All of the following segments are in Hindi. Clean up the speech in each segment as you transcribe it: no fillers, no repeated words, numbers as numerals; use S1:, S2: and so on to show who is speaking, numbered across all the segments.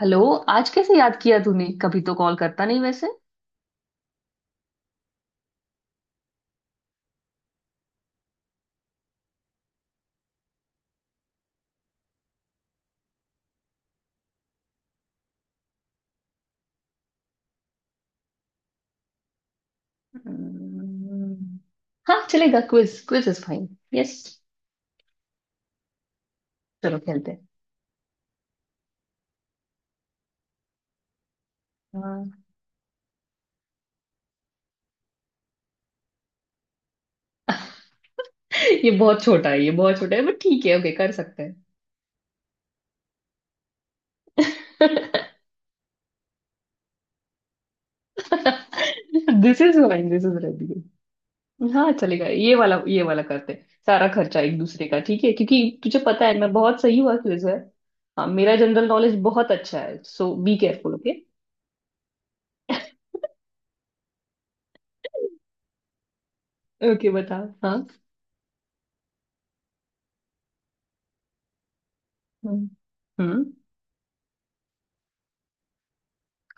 S1: हेलो। आज कैसे याद किया तूने, कभी तो कॉल करता नहीं वैसे। हम्म, हाँ चलेगा, quiz quiz is fine. Yes, चलो खेलते हैं। हाँ ये बहुत छोटा है, ये बहुत छोटा है, बट ठीक है, ओके कर सकते हैं। This is fine, this is ready. हाँ चलेगा, ये वाला करते हैं, सारा खर्चा एक दूसरे का, ठीक है क्योंकि तुझे पता है मैं बहुत सही हुआ क्विज है। हाँ, मेरा जनरल नॉलेज बहुत अच्छा है, so be careful. Okay, okay बता। हाँ। हम्म। हम्म।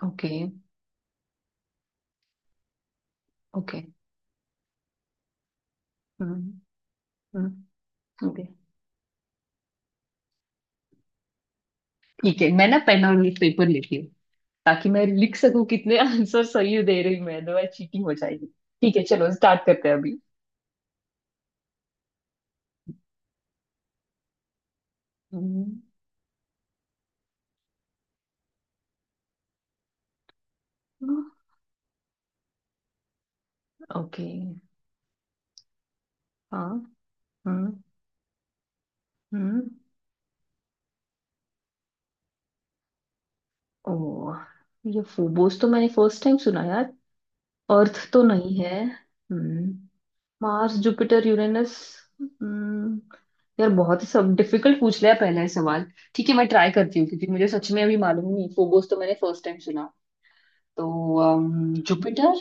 S1: ओके। ओके। हम्म। ओके, ठीक है, मैं ना पेन और पेपर लेती हूँ ताकि मैं लिख सकूं कितने आंसर सही दे रही हूँ मैं, अदरवाइज चीटिंग हो जाएगी। ठीक है, चलो स्टार्ट करते हैं अभी। हम्म, ओके। हाँ। हम्म। हम्म। ओ, ये फोबोस तो मैंने फर्स्ट टाइम सुना यार। अर्थ तो नहीं है। हम्म। Mars, Jupiter, Uranus. हम्म। यार बहुत ही सब डिफिकल्ट पूछ लिया, पहला ही सवाल। ठीक है, मैं ट्राई करती हूँ क्योंकि मुझे सच में अभी मालूम नहीं, फोबोस तो मैंने फर्स्ट टाइम सुना। तो जुपिटर।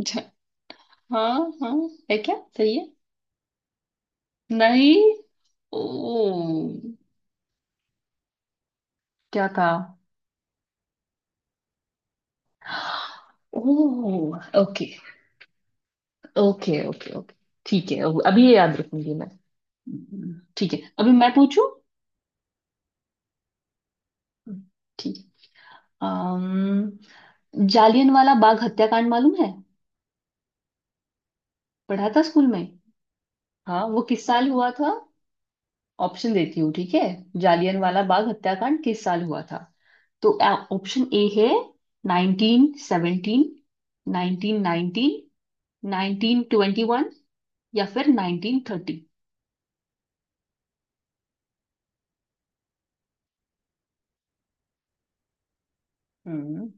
S1: ज- हाँ हाँ है, क्या सही है? नहीं। ओ, क्या था? ओ, ओके ओके ओके। ओके ठीक है, अभी ये याद रखूंगी मैं। ठीक है अभी मैं पूछूं। ठीक है। अम, जालियनवाला बाग हत्याकांड मालूम है? पढ़ा था स्कूल में। हाँ, वो किस साल हुआ था? ऑप्शन देती हूँ ठीक है। जालियनवाला बाग हत्याकांड किस साल हुआ था? तो ऑप्शन ए है 1917, 1919, 1921 या फिर 1930। हम्म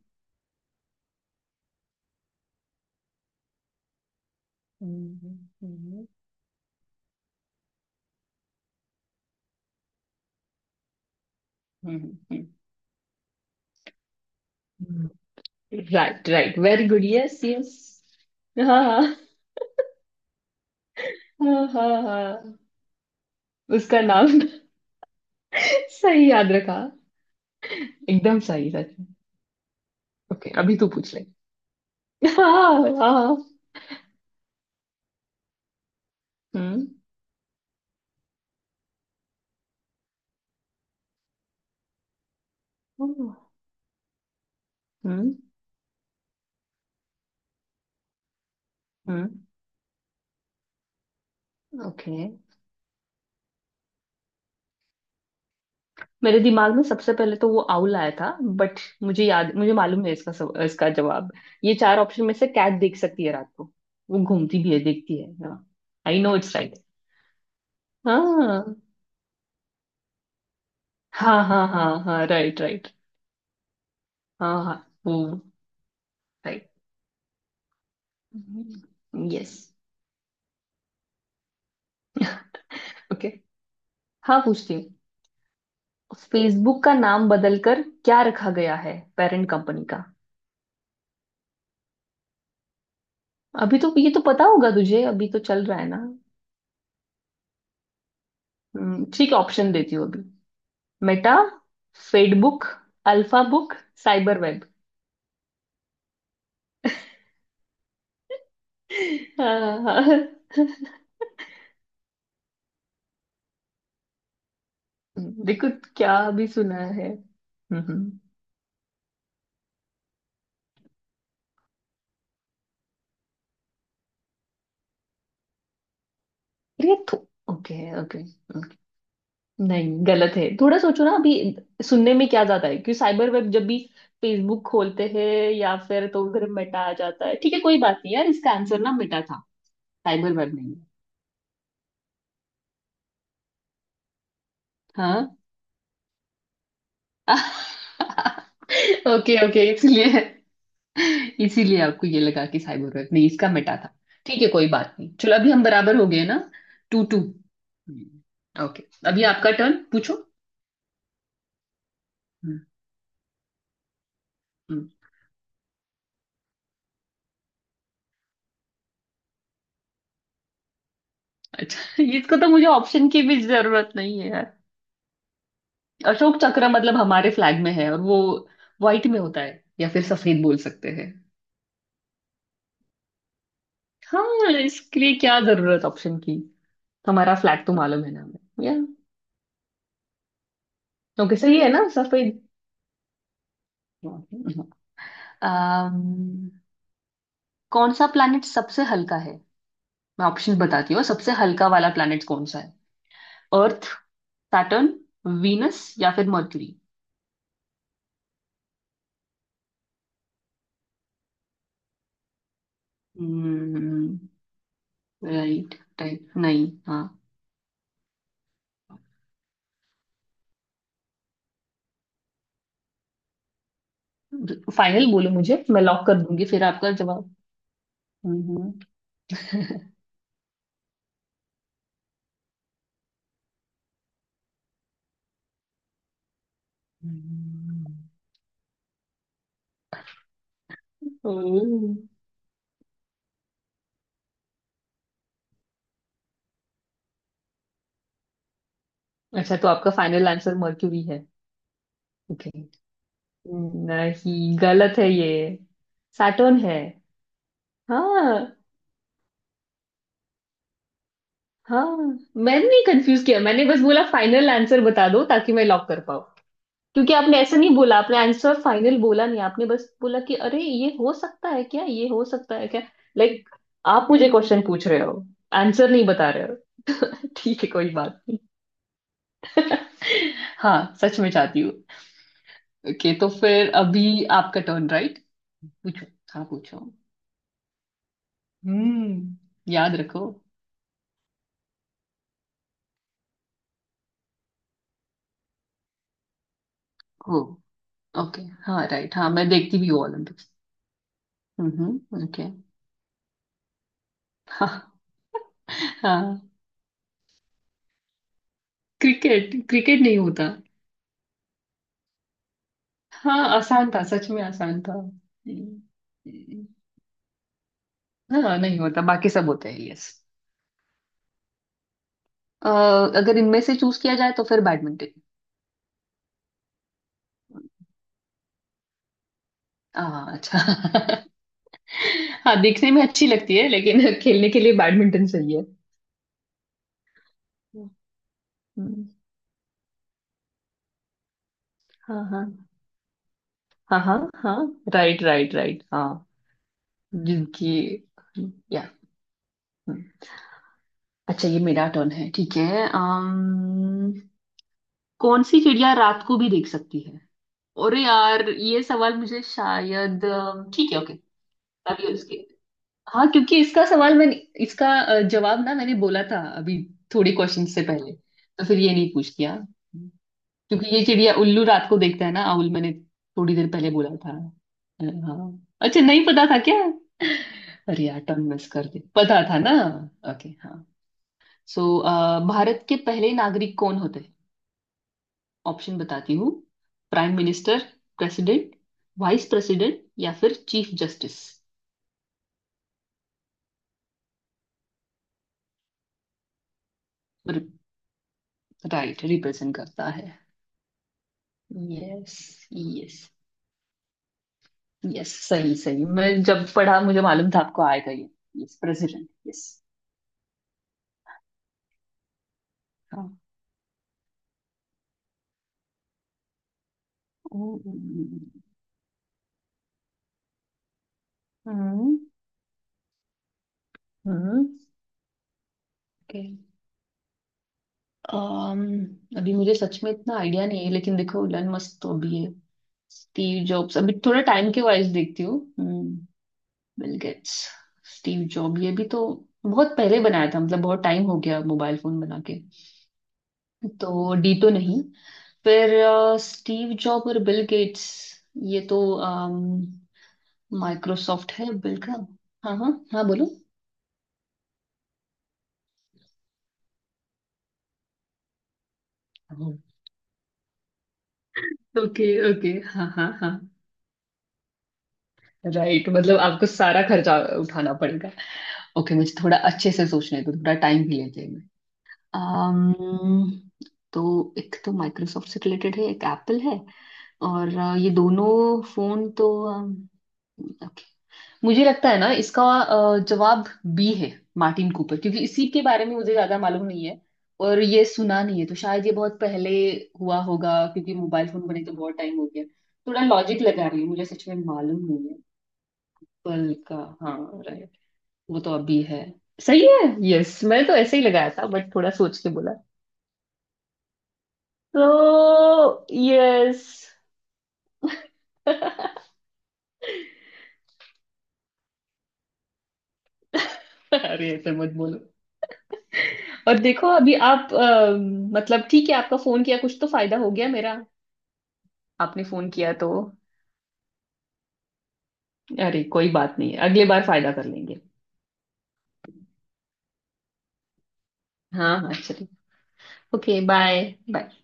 S1: हम्म। हम्म। हम्म। Right right, very good, yes yes. हाँ हाँ हाँ हाँ। हाँ। उसका नाम सही याद रखा, एकदम सही सच। ओके अभी तू पूछ ले। हाँ हाँ। हम्म। हम्म। हम्म। ओके। मेरे दिमाग में सबसे पहले तो वो आउल आया था, बट मुझे याद, मुझे मालूम है इसका इसका जवाब। ये चार ऑप्शन में से कैट देख सकती है रात को, वो घूमती भी है देखती है। I know it's right. हाँ हाँ हाँ हाँ हाँ, राइट राइट। हाँ हाँ, वो। राइट। यस। ओके, हाँ पूछती हूँ। फेसबुक का नाम बदलकर क्या रखा गया है, पेरेंट कंपनी का? अभी तो ये तो पता होगा तुझे, अभी तो चल रहा है ना। ठीक है, ऑप्शन देती हूँ अभी। Meta, Facebook, Alpha book, cyber web. हाँ। देखो, क्या भी सुना है। हम्म। अरे तो ओके ओके ओके। नहीं गलत है, थोड़ा सोचो ना अभी, सुनने में क्या जाता है क्योंकि साइबर वेब जब भी फेसबुक खोलते हैं या फिर तो उधर मेटा आ जाता है। ठीक है कोई बात नहीं, यार इसका आंसर ना मेटा था, साइबर वेब नहीं। हाँ। ओके ओके, इसलिए, इसीलिए आपको ये लगा कि साइबर वेब, नहीं इसका मिटा था। ठीक है कोई बात नहीं, चलो अभी हम बराबर हो गए ना। Two two. ओके, अभी आपका टर्न, पूछो। हम्म, हम्म, अच्छा इसको तो मुझे ऑप्शन की भी जरूरत नहीं है यार। अशोक चक्र मतलब हमारे फ्लैग में है, और वो व्हाइट में होता है, या फिर सफेद बोल सकते हैं। हाँ, इसके लिए क्या जरूरत ऑप्शन की, हमारा फ्लैग तो मालूम है ना हमें या। ओके, सही है ना सफेद? अम, कौन सा प्लैनेट सबसे हल्का है? मैं ऑप्शन बताती हूँ, सबसे हल्का वाला प्लैनेट कौन सा है? अर्थ, सैटर्न, वीनस या फिर मर्क्यूरी। राइट। राइट, नहीं, हाँ। फाइनल बोलो मुझे, मैं लॉक कर दूंगी फिर आपका जवाब। हम्म। हम्म। ओह, अच्छा तो आपका फाइनल आंसर मर्क्यूरी है। ओके, नहीं गलत है ये, सैटर्न है। हाँ। हाँ, मैंने नहीं कंफ्यूज किया, मैंने बस बोला फाइनल आंसर बता दो ताकि मैं लॉक कर पाऊँ। क्योंकि आपने ऐसा नहीं बोला, आपने आंसर फाइनल बोला नहीं, आपने बस बोला कि अरे ये हो सकता है क्या, ये हो सकता है क्या, लाइक आप मुझे क्वेश्चन पूछ रहे हो, आंसर नहीं बता रहे हो। तो ठीक है कोई बात। हाँ सच में चाहती हूँ। ओके, तो फिर अभी आपका टर्न, राइट, पूछो। हाँ पूछो। हम्म, याद रखो। हो। ओके हाँ, राइट। हाँ, मैं देखती भी हूँ ओलंपिक्स। हम्म, ओके। हाँ। हाँ। क्रिकेट, क्रिकेट नहीं होता। हाँ आसान था, सच में आसान था। हाँ नहीं होता, बाकी सब होते हैं, यस। अगर इनमें से चूज किया जाए तो फिर बैडमिंटन। हाँ, अच्छा। हाँ, देखने में अच्छी लगती है लेकिन खेलने के लिए बैडमिंटन सही है। हम्म, हाँ हाँ हाँ हाँ हाँ, राइट राइट राइट, हाँ। जिनकी, या। हम्म। अच्छा ये मेरा टर्न है, ठीक है। कौन सी चिड़िया रात को भी देख सकती है? अरे यार ये सवाल मुझे शायद ठीक है। ओके। हाँ, क्योंकि इसका सवाल मैंने, इसका जवाब ना मैंने बोला था अभी, थोड़े क्वेश्चन से पहले, तो फिर ये नहीं पूछ किया, क्योंकि ये चिड़िया, उल्लू रात को देखता है ना, आउल, मैंने थोड़ी देर पहले बोला था। हाँ, अच्छा नहीं पता था क्या? अरे यार टर्न मिस कर दी, पता था ना। ओके हाँ। सो भारत के पहले नागरिक कौन होते हैं? ऑप्शन बताती हूँ। Prime minister, president, vice president या फिर चीफ जस्टिस। राइट, रिप्रेजेंट करता है। यस। यस। यस सही सही, मैं जब पढ़ा मुझे मालूम था आपको आएगा ये। Yes president, yes. हाँ। ओ, हम्म। हम्म। ओके। अभी मुझे सच में इतना आइडिया नहीं है, लेकिन देखो इलन मस्क तो अभी है। स्टीव जॉब्स अभी, थोड़ा टाइम के वाइज देखती हूँ। हम्म। बिल गेट्स, स्टीव जॉब, ये भी तो बहुत पहले बनाया था, मतलब बहुत टाइम हो गया मोबाइल फोन बना के। तो डी तो नहीं, फिर स्टीव जॉब और बिल गेट्स, ये तो माइक्रोसॉफ्ट है बिल का। हाँ हाँ हाँ, बोलो। ओके ओके, हाँ हाँ हाँ। राइट, मतलब आपको सारा खर्चा उठाना पड़ेगा। ओके, मुझे थोड़ा अच्छे से सोचने दो, थोड़ा टाइम भी लेते हैं। um, तो एक तो माइक्रोसॉफ्ट से रिलेटेड है, एक एप्पल है, और ये दोनों फोन तो, ओके मुझे लगता है ना इसका जवाब बी है, मार्टिन कूपर, क्योंकि इसी के बारे में मुझे ज्यादा मालूम नहीं है और ये सुना नहीं है, तो शायद ये बहुत पहले हुआ होगा क्योंकि मोबाइल फोन बने तो बहुत टाइम हो गया। थोड़ा लॉजिक लगा रही हूँ, मुझे सच में मालूम नहीं है। पल का। हाँ। राइट, वो तो अभी है। सही है। यस मैं तो ऐसे ही लगाया था, बट थोड़ा सोच के बोला तो। यस। अरे ऐसे मत बोलो। और देखो अभी आप मतलब ठीक है, आपका फोन किया, कुछ तो फायदा हो गया मेरा, आपने फोन किया तो। अरे कोई बात नहीं, अगली बार फायदा कर लेंगे। हाँ हाँ चलिए। Okay bye. बाय।